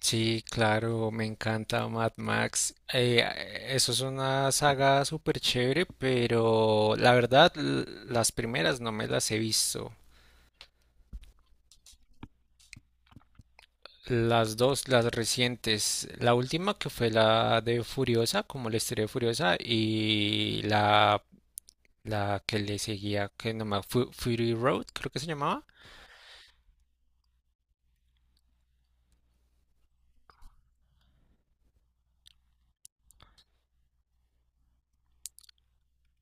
Sí, claro, me encanta Mad Max. Eso es una saga súper chévere, pero la verdad, las primeras no me las he visto. Las dos, las recientes. La última que fue la de Furiosa, como la historia de Furiosa, y la que le seguía, que no me... Fury Road, creo que se llamaba.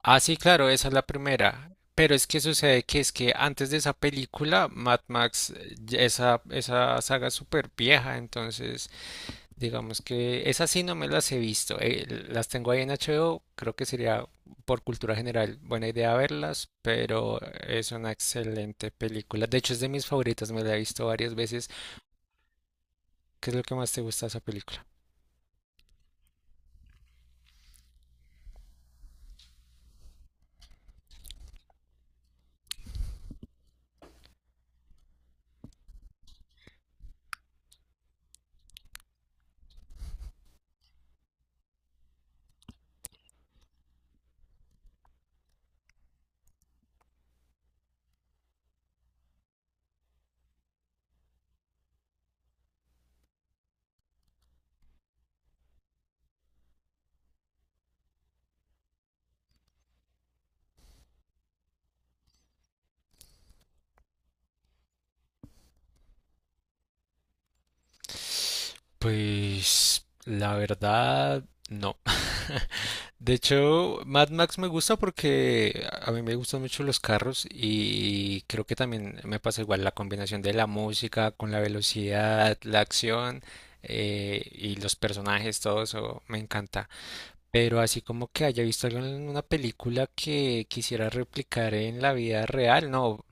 Ah, sí, claro, esa es la primera. Pero es que sucede que es que antes de esa película, Mad Max, ya esa saga es súper vieja, entonces digamos que esas sí no me las he visto. Las tengo ahí en HBO, creo que sería por cultura general buena idea verlas, pero es una excelente película. De hecho, es de mis favoritas, me la he visto varias veces. ¿Qué es lo que más te gusta de esa película? Pues la verdad, no. De hecho, Mad Max me gusta porque a mí me gustan mucho los carros y creo que también me pasa igual la combinación de la música con la velocidad, la acción y los personajes, todo eso me encanta. Pero así como que haya visto algo en una película que quisiera replicar en la vida real, no.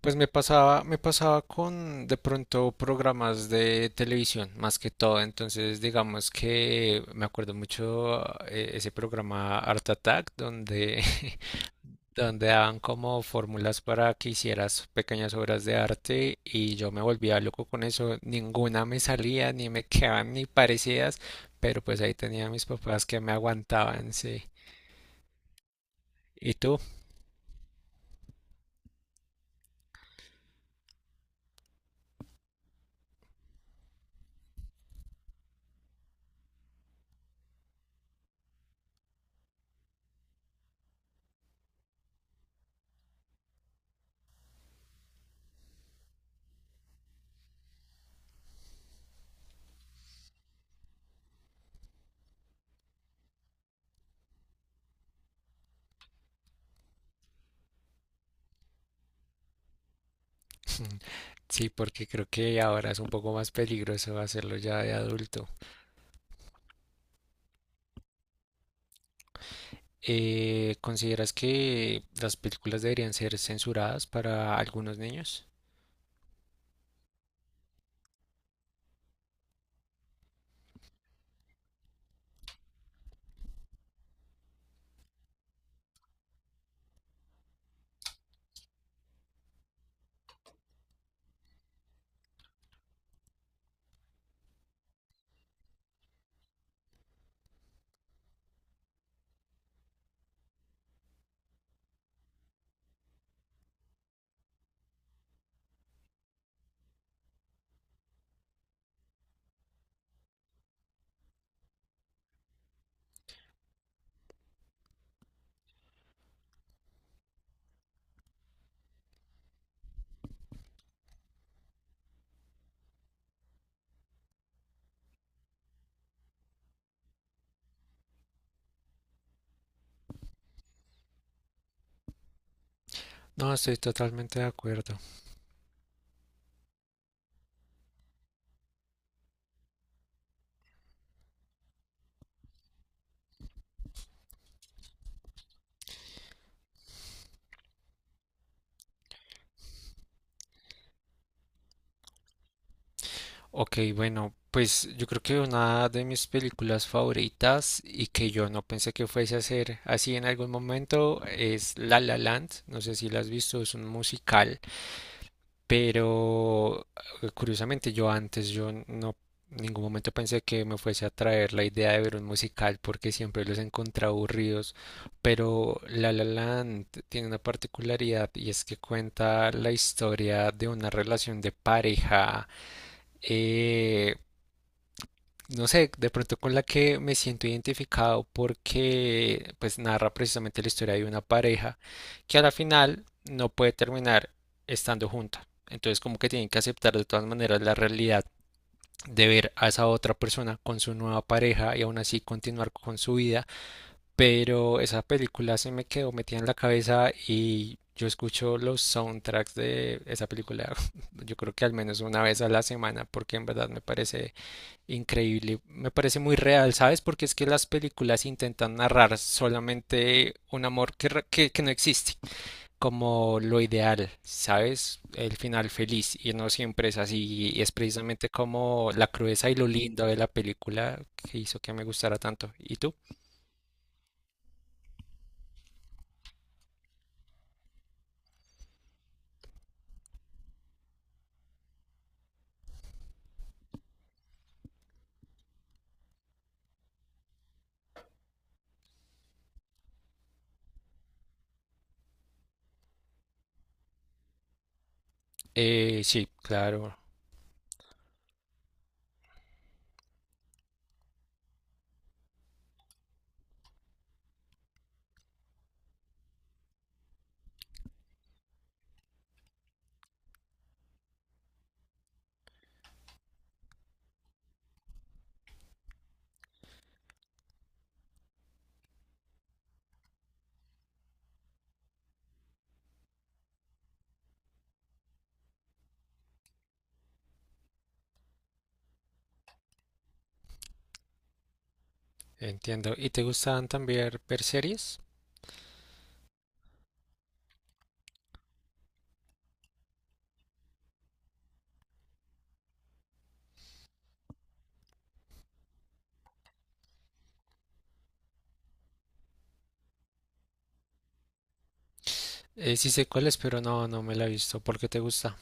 Pues me pasaba con de pronto programas de televisión, más que todo. Entonces, digamos que me acuerdo mucho ese programa Art Attack, donde, donde daban como fórmulas para que hicieras pequeñas obras de arte y yo me volvía loco con eso. Ninguna me salía, ni me quedaban ni parecidas, pero pues ahí tenía a mis papás que me aguantaban, sí. ¿Y tú? Sí, porque creo que ahora es un poco más peligroso hacerlo ya de adulto. ¿consideras que las películas deberían ser censuradas para algunos niños? No, estoy totalmente de acuerdo. Ok, bueno, pues yo creo que una de mis películas favoritas y que yo no pensé que fuese a ser así en algún momento es La La Land. No sé si la has visto, es un musical. Pero curiosamente yo antes, yo no en ningún momento pensé que me fuese a traer la idea de ver un musical porque siempre los he encontrado aburridos, pero La La Land tiene una particularidad y es que cuenta la historia de una relación de pareja eh, no sé, de pronto con la que me siento identificado porque pues narra precisamente la historia de una pareja que a la final no puede terminar estando junta. Entonces como que tienen que aceptar de todas maneras la realidad de ver a esa otra persona con su nueva pareja y aún así continuar con su vida. Pero esa película se me quedó metida en la cabeza y yo escucho los soundtracks de esa película yo creo que al menos una vez a la semana porque en verdad me parece increíble. Me parece muy real, ¿sabes? Porque es que las películas intentan narrar solamente un amor que, que no existe, como lo ideal, ¿sabes? El final feliz, y no siempre es así, y es precisamente como la crudeza y lo lindo de la película que hizo que me gustara tanto. ¿Y tú? Sí, claro, entiendo. ¿Y te gustan también ver series? Sí sé cuáles, pero no, no me la he visto. ¿Por qué te gusta?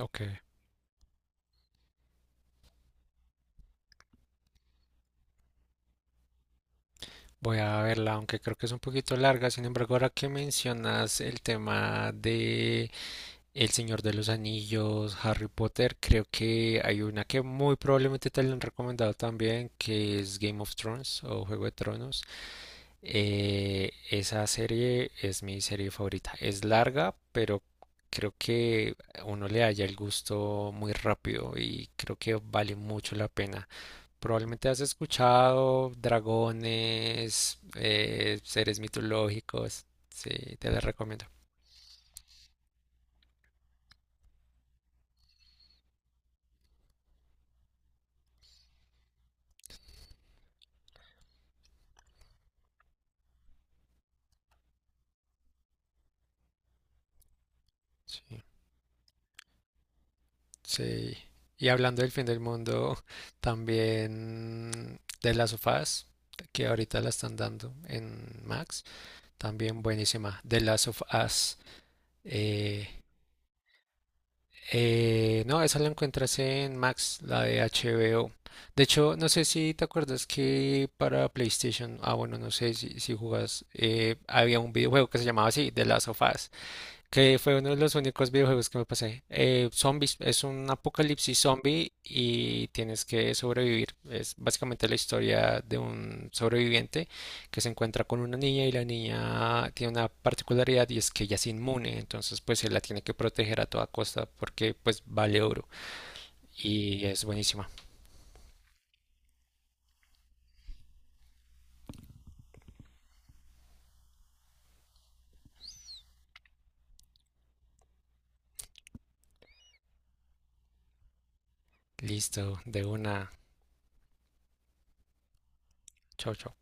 Ok. Voy a verla, aunque creo que es un poquito larga. Sin embargo, ahora que mencionas el tema de El Señor de los Anillos, Harry Potter, creo que hay una que muy probablemente te la han recomendado también, que es Game of Thrones o Juego de Tronos. Esa serie es mi serie favorita. Es larga, pero creo que uno le halla el gusto muy rápido y creo que vale mucho la pena. Probablemente has escuchado dragones, seres mitológicos. Sí, te las recomiendo. Sí, sí. Y hablando del fin del mundo, también de las sofás, que ahorita la están dando en Max, también buenísima. De las sofás no, esa la encuentras en Max, la de HBO. De hecho, no sé si te acuerdas que para PlayStation, ah, bueno, no sé si, si jugas, había un videojuego que se llamaba así, The Last of Us que fue uno de los únicos videojuegos que me pasé. Zombies, es un apocalipsis zombie y tienes que sobrevivir. Es básicamente la historia de un sobreviviente que se encuentra con una niña y la niña tiene una particularidad y es que ella es inmune, entonces pues él la tiene que proteger a toda costa porque pues vale oro y es buenísima. Listo, de una. Chao, chao.